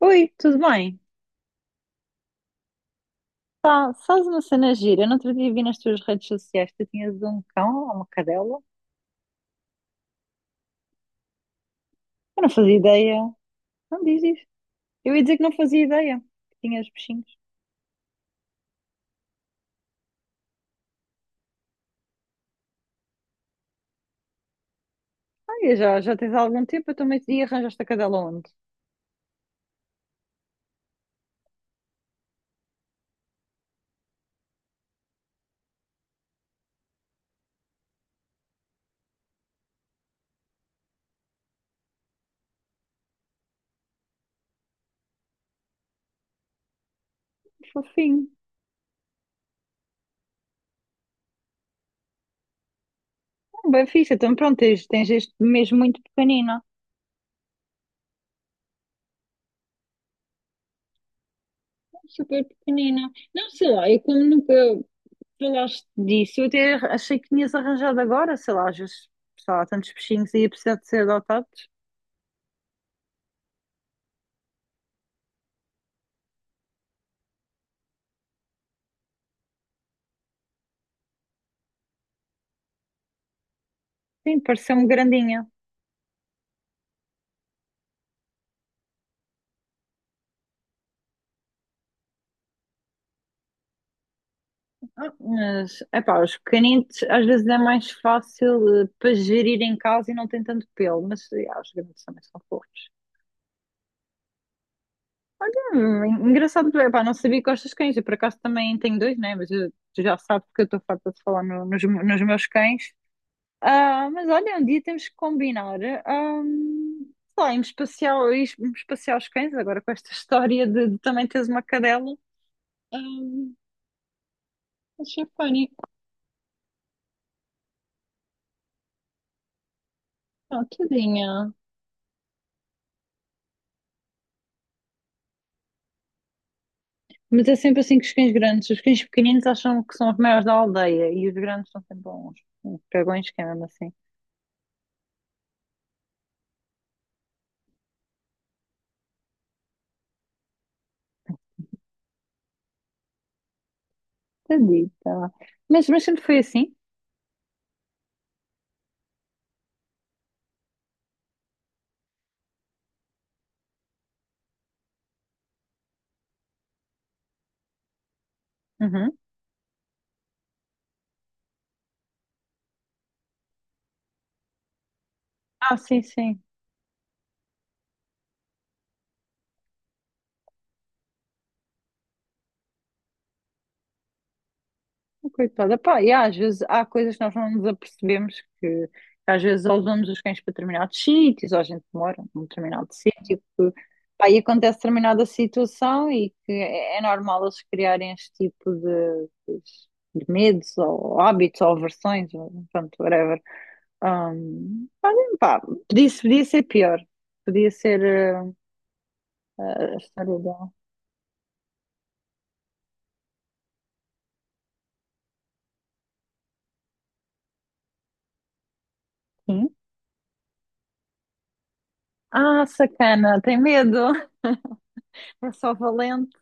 Oi, tudo bem? Pá, sabes uma cena gira? Eu não outro dia vi nas tuas redes sociais que tu tinhas um cão ou uma cadela. Eu não fazia ideia. Não diz isso. Eu ia dizer que não fazia ideia que tinhas bichinhos. Ah, e já tens há algum tempo, eu também e arranjaste a cadela onde? Fofinho. Ah, bem fixe, então pronto, tens este mesmo muito pequenino. Super pequenina. Não sei lá, eu como nunca falaste disso, eu até achei que tinhas arranjado agora, sei lá, às vezes, sei lá, há tantos bichinhos e ia precisar de ser adotados. Sim, pareceu-me grandinha. Ah, mas, epá, os canites às vezes é mais fácil para gerir em casa e não tem tanto pelo, mas os canites também são fofos. Olha, engraçado, epá, não sabia que gostas de cães, eu por acaso também tenho dois, né? Mas tu já sabes que eu estou farta de falar nos meus cães. Ah, mas olha, um dia temos que combinar, ah, sei lá, irmos passear os cães, agora com esta história de também teres uma cadela. Ah, achei pânico, oh, tadinha. Mas é sempre assim com os cães grandes. Os cães pequeninos acham que são os maiores da aldeia e os grandes são sempre uns cagões, que é mesmo assim. Tadita. Mas sempre foi assim? Uhum. Ah, sim, sim. Oh, coitada. Pá, e às vezes há coisas que nós não nos apercebemos que às vezes ou levamos os cães para determinados sítios, ou a gente mora num determinado sítio, que, pá, e acontece determinada situação e que é é normal eles criarem este tipo de medos ou hábitos ou aversões, ou, pronto, whatever. Olha, pá, podia ser pior. Podia ser a história dela. Sim. Ah, sacana, tem medo. É só valente.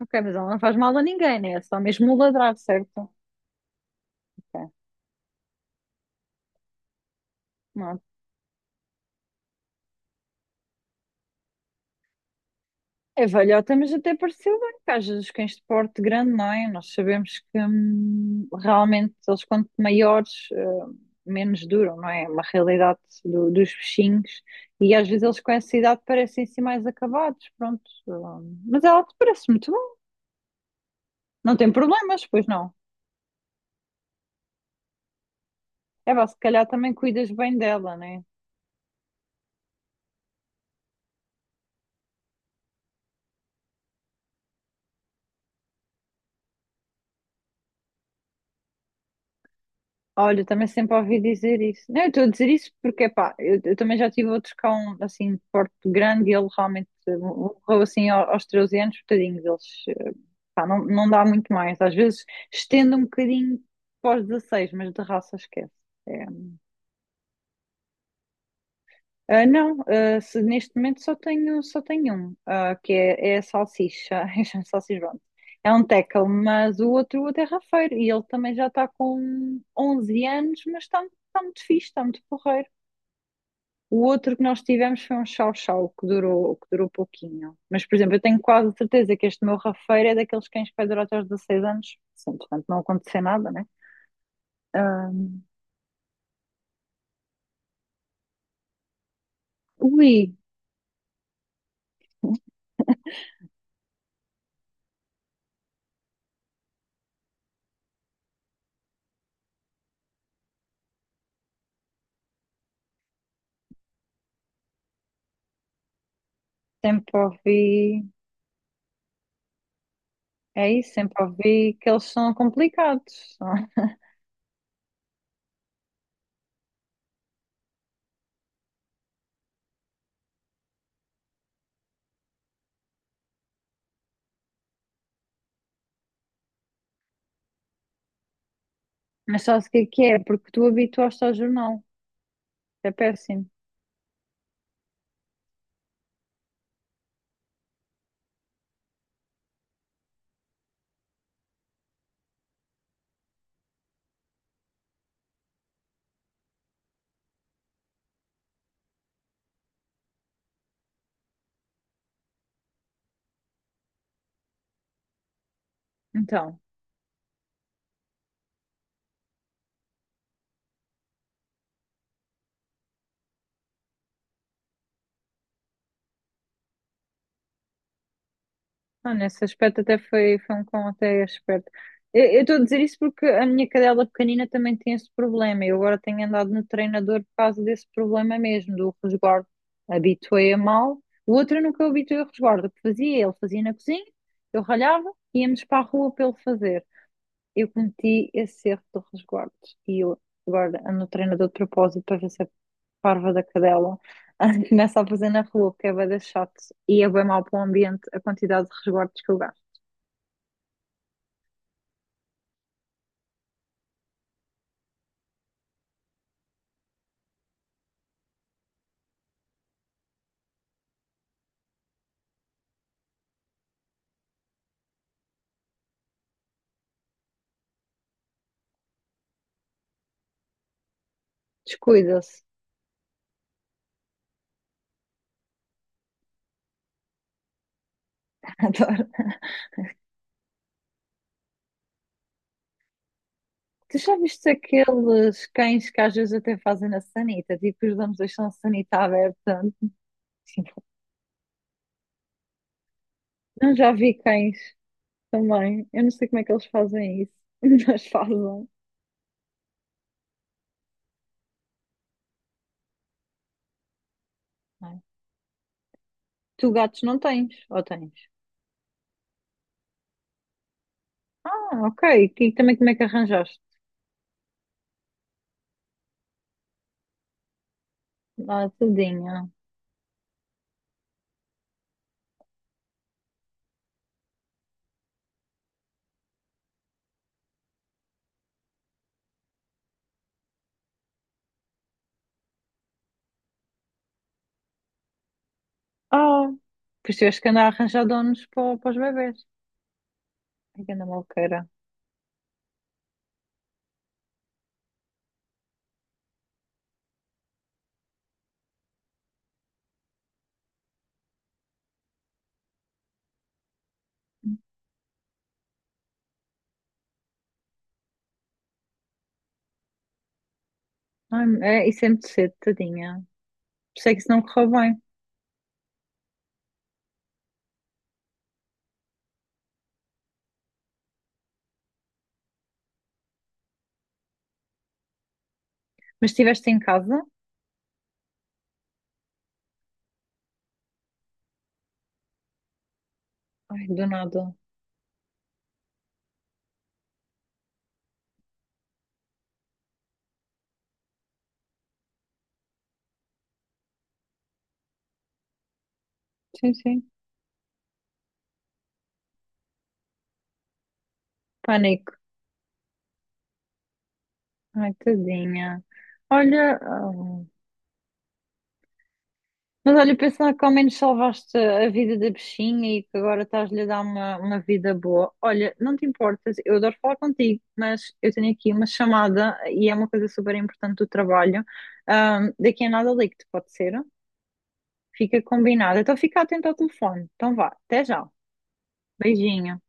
Ok, mas ela não faz mal a ninguém, né? É só mesmo o ladrar, certo? Ok. Não, a velhota, mas até pareceu bem, porque às vezes os cães de porte grande, não é? Nós sabemos que realmente eles quanto maiores, eh, menos duram, não é? É uma realidade dos bichinhos. E às vezes eles com essa idade parecem-se mais acabados, pronto. Hum, mas ela te parece muito bom. Não tem problemas, pois não. É, vá, se calhar também cuidas bem dela, né? Olha, eu também sempre ouvi dizer isso. Não, eu estou a dizer isso porque, pá, eu também já tive outros cão, assim, de porte grande e ele realmente morreu, assim, aos 13 anos, tadinhos, eles, pá, não, não dá muito mais. Às vezes estende um bocadinho pós 16, mas de raça esquece. É. Ah, não, ah, neste momento só tenho um, ah, que é, é a salsicha, é a salsicha, pronto. É um tackle, mas o outro é rafeiro e ele também já está com 11 anos, mas está, está muito fixe, está muito porreiro. O outro que nós tivemos foi um chau-chau que durou pouquinho. Mas, por exemplo, eu tenho quase certeza que este meu rafeiro é daqueles cães que vai durar até aos 16 anos. Sim, portanto, não aconteceu nada, né? Ah, ui, sempre ouvi. É isso, sempre ouvi que eles são complicados. Mas sabes o que é que é? Porque tu habituaste ao jornal. É péssimo. Então. Ah, nesse aspecto até foi, foi um cão até esperto. Eu estou a dizer isso porque a minha cadela pequenina também tem esse problema. Eu agora tenho andado no treinador por causa desse problema mesmo, do resguardo. Habituei-a mal. O outro eu nunca o habituei ao resguardo. O que fazia? Ele fazia na cozinha, eu ralhava, íamos para a rua para ele fazer, eu cometi esse erro do resguardos e eu agora ando treinador de propósito para ver se a parva da cadela começa a fazer na rua, porque é bué da chato e é bem mau para o ambiente a quantidade de resguardos que eu gasto. Descuida-se. Adoro. Tu já viste aqueles cães que às vezes até fazem na sanita, tipo, os donos deixam a sanita aberta? Sim. Não, já vi cães também. Eu não sei como é que eles fazem isso, mas fazem. Ai. Tu gatos não tens, ou tens? Ah, ok. E também como é que arranjaste? Ah, tudinho. Ah, pois tiveste que andar a arranjar donos para, para os bebés. Ai, que anda maluqueira. Ai, é, isso é muito cedo, tadinha. Sei que isso não correu bem. Mas estiveste em casa? Ai, do nada. Sim, sim. Pânico. Ai, tadinha. Olha, ah, mas olha, pensando que ao menos salvaste a vida da bichinha e que agora estás-lhe a dar uma vida boa. Olha, não te importas, eu adoro falar contigo, mas eu tenho aqui uma chamada e é uma coisa super importante do trabalho. Ah, daqui a nada ligo-te, pode ser? Fica combinado. Então fica atento ao telefone. Então vá, até já. Beijinho.